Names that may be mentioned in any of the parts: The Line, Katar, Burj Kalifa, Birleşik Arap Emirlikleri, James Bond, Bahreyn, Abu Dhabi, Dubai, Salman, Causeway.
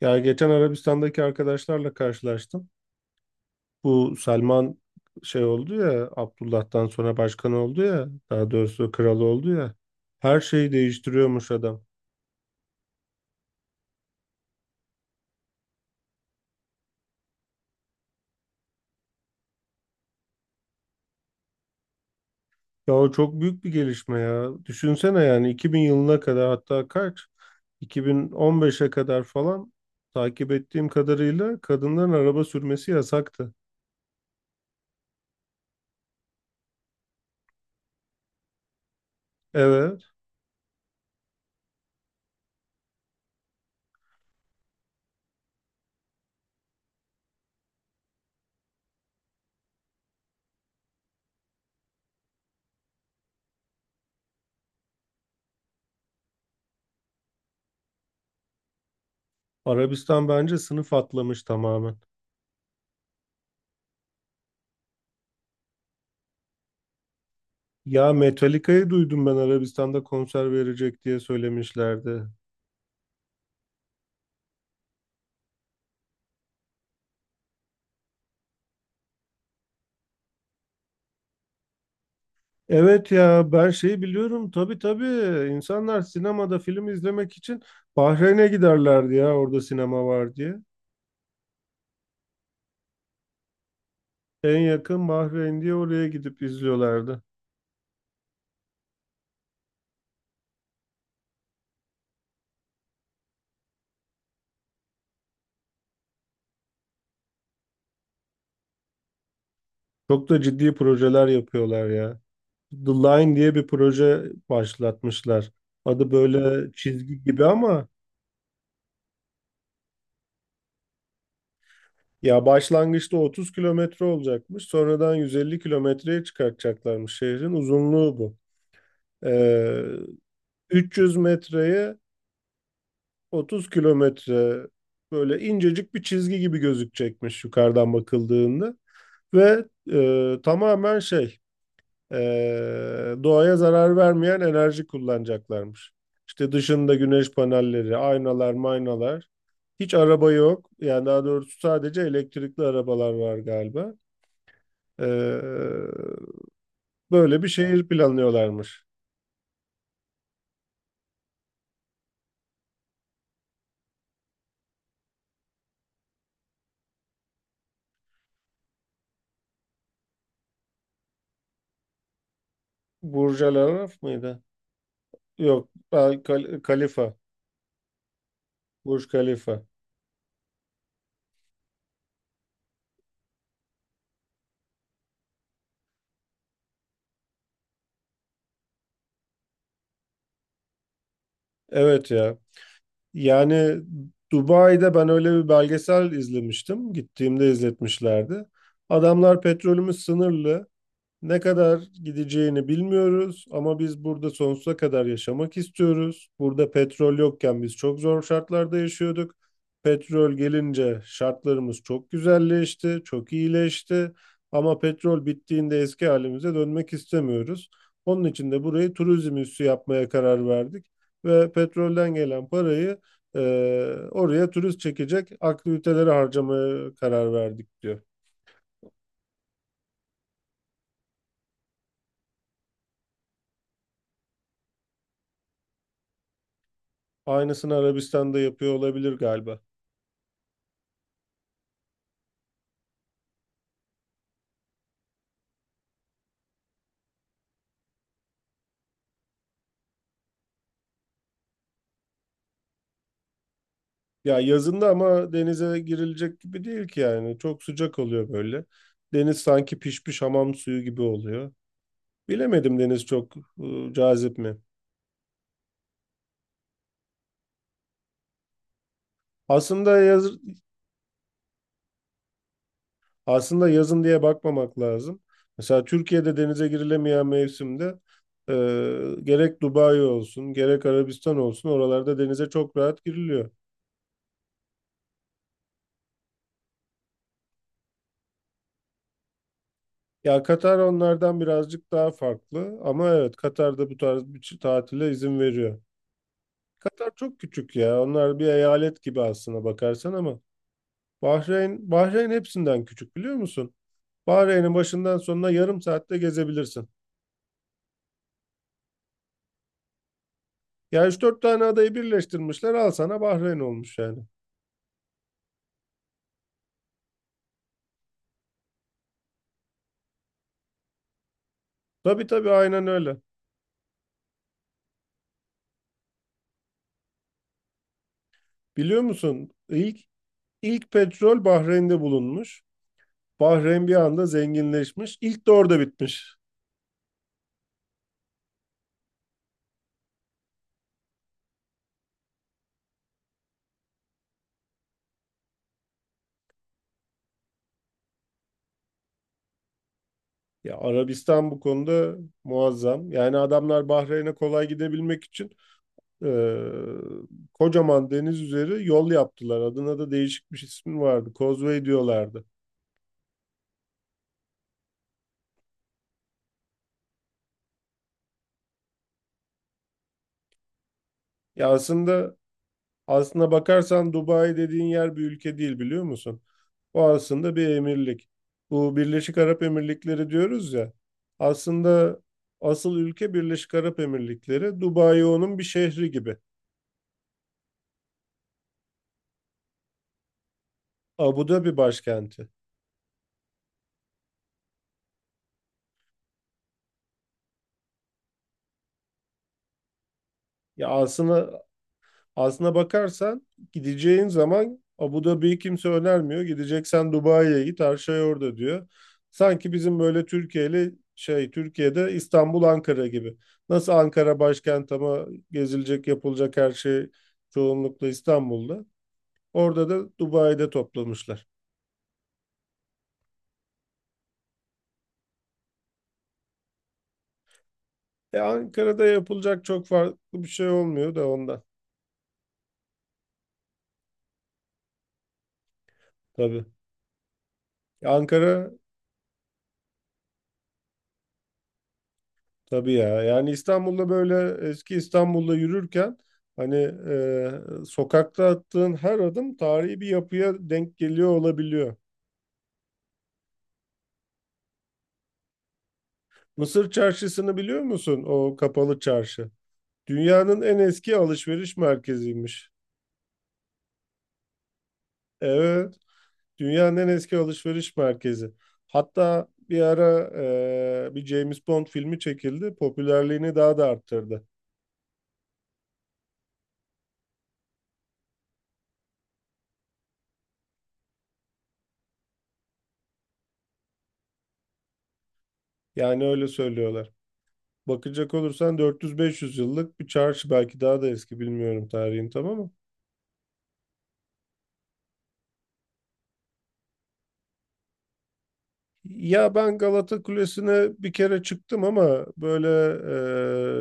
Ya geçen Arabistan'daki arkadaşlarla karşılaştım. Bu Salman şey oldu ya, Abdullah'tan sonra başkan oldu ya, daha doğrusu kral oldu ya. Her şeyi değiştiriyormuş adam. Ya o çok büyük bir gelişme ya. Düşünsene yani 2000 yılına kadar, hatta kaç, 2015'e kadar falan, takip ettiğim kadarıyla kadınların araba sürmesi yasaktı. Evet, Arabistan bence sınıf atlamış tamamen. Ya Metallica'yı duydum ben, Arabistan'da konser verecek diye söylemişlerdi. Evet ya, ben şeyi biliyorum, tabii tabii, insanlar sinemada film izlemek için Bahreyn'e giderlerdi ya, orada sinema var diye. En yakın Bahreyn diye oraya gidip izliyorlardı. Çok da ciddi projeler yapıyorlar ya. The Line diye bir proje başlatmışlar. Adı böyle çizgi gibi ama ya, başlangıçta 30 kilometre olacakmış. Sonradan 150 kilometreye çıkartacaklarmış, şehrin uzunluğu bu. Ee, 300 metreye, 30 kilometre, böyle incecik bir çizgi gibi gözükecekmiş yukarıdan bakıldığında ve tamamen şey, doğaya zarar vermeyen enerji kullanacaklarmış. İşte dışında güneş panelleri, aynalar, maynalar. Hiç araba yok. Yani daha doğrusu sadece elektrikli arabalar var galiba. E, Böyle bir şehir planlıyorlarmış. Burj Al Arab mıydı? Yok, Kalifa. Burj Kalifa. Evet ya. Yani Dubai'de ben öyle bir belgesel izlemiştim. Gittiğimde izletmişlerdi. Adamlar, petrolümüz sınırlı. Ne kadar gideceğini bilmiyoruz ama biz burada sonsuza kadar yaşamak istiyoruz. Burada petrol yokken biz çok zor şartlarda yaşıyorduk. Petrol gelince şartlarımız çok güzelleşti, çok iyileşti. Ama petrol bittiğinde eski halimize dönmek istemiyoruz. Onun için de burayı turizm üssü yapmaya karar verdik ve petrolden gelen parayı, oraya turist çekecek aktivitelere harcamaya karar verdik diyor. Aynısını Arabistan'da yapıyor olabilir galiba. Ya yazında ama denize girilecek gibi değil ki yani. Çok sıcak oluyor böyle. Deniz sanki pişmiş hamam suyu gibi oluyor. Bilemedim, deniz çok cazip mi? Aslında yaz, aslında yazın diye bakmamak lazım. Mesela Türkiye'de denize girilemeyen mevsimde, e, gerek Dubai olsun, gerek Arabistan olsun, oralarda denize çok rahat giriliyor. Ya Katar onlardan birazcık daha farklı ama evet, Katar'da bu tarz bir tatile izin veriyor. Katar çok küçük ya. Onlar bir eyalet gibi aslına bakarsan, ama Bahreyn hepsinden küçük, biliyor musun? Bahreyn'in başından sonuna yarım saatte gezebilirsin. Ya üç dört tane adayı birleştirmişler, al sana Bahreyn olmuş yani. Tabii tabii, aynen öyle. Biliyor musun, ilk petrol Bahreyn'de bulunmuş. Bahreyn bir anda zenginleşmiş. İlk de orada bitmiş. Ya Arabistan bu konuda muazzam. Yani adamlar Bahreyn'e kolay gidebilmek için, Ee, kocaman deniz üzeri yol yaptılar. Adına da değişik bir ismi vardı. Causeway diyorlardı. Ya aslında aslına bakarsan Dubai dediğin yer bir ülke değil, biliyor musun? O aslında bir emirlik. Bu Birleşik Arap Emirlikleri diyoruz ya. Aslında asıl ülke Birleşik Arap Emirlikleri. Dubai onun bir şehri gibi. Abu Dhabi başkenti. Ya aslında Aslına bakarsan gideceğin zaman Abu Dhabi'yi kimse önermiyor. Gideceksen Dubai'ye git, her şey orada diyor. Sanki bizim böyle Türkiye'de, İstanbul Ankara gibi. Nasıl Ankara başkent ama gezilecek, yapılacak her şey çoğunlukla İstanbul'da. Orada da Dubai'de toplamışlar. E, Ankara'da yapılacak çok farklı bir şey olmuyor da ondan tabii. Ankara Tabii ya. Yani İstanbul'da böyle, eski İstanbul'da yürürken hani, sokakta attığın her adım tarihi bir yapıya denk geliyor olabiliyor. Mısır Çarşısı'nı biliyor musun? O kapalı çarşı. Dünyanın en eski alışveriş merkeziymiş. Evet, dünyanın en eski alışveriş merkezi. Hatta bir ara bir James Bond filmi çekildi. Popülerliğini daha da arttırdı. Yani öyle söylüyorlar. Bakacak olursan 400-500 yıllık bir çarşı, belki daha da eski, bilmiyorum tarihini tam ama. Ya ben Galata Kulesi'ne bir kere çıktım ama böyle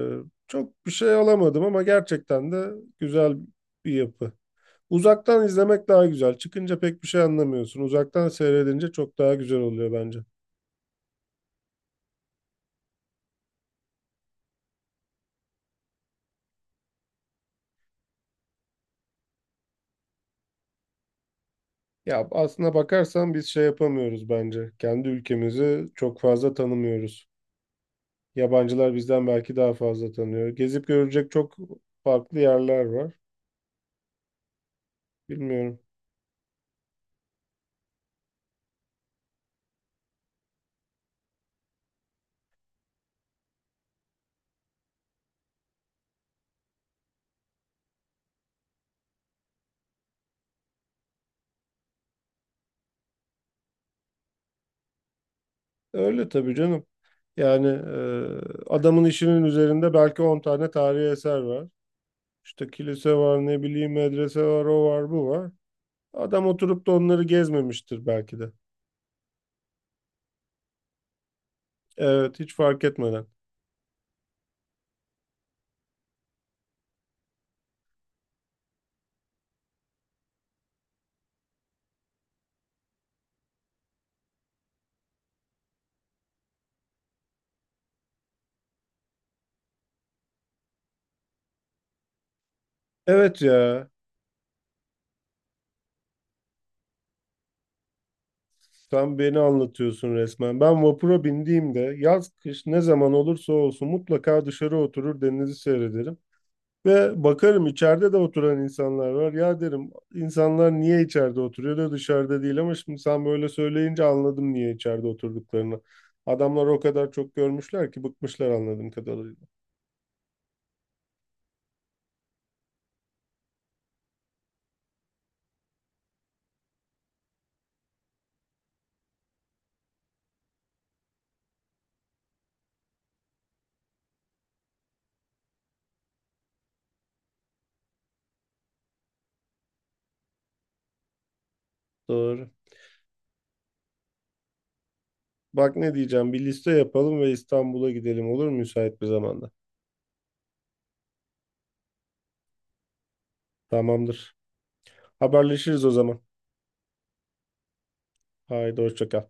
çok bir şey alamadım, ama gerçekten de güzel bir yapı. Uzaktan izlemek daha güzel. Çıkınca pek bir şey anlamıyorsun. Uzaktan seyredince çok daha güzel oluyor bence. Ya aslına bakarsan biz şey yapamıyoruz bence. Kendi ülkemizi çok fazla tanımıyoruz. Yabancılar bizden belki daha fazla tanıyor. Gezip görecek çok farklı yerler var. Bilmiyorum. Öyle tabii canım. Yani adamın işinin üzerinde belki 10 tane tarihi eser var. İşte kilise var, ne bileyim medrese var, o var, bu var. Adam oturup da onları gezmemiştir belki de. Evet, hiç fark etmeden. Evet ya, sen beni anlatıyorsun resmen. Ben vapura bindiğimde yaz kış ne zaman olursa olsun mutlaka dışarı oturur, denizi seyrederim. Ve bakarım, içeride de oturan insanlar var. Ya derim, insanlar niye içeride oturuyor da dışarıda değil, ama şimdi sen böyle söyleyince anladım niye içeride oturduklarını. Adamlar o kadar çok görmüşler ki bıkmışlar anladığım kadarıyla. Doğru. Bak ne diyeceğim, bir liste yapalım ve İstanbul'a gidelim, olur mu, müsait bir zamanda? Tamamdır. Haberleşiriz o zaman. Haydi hoşça kal.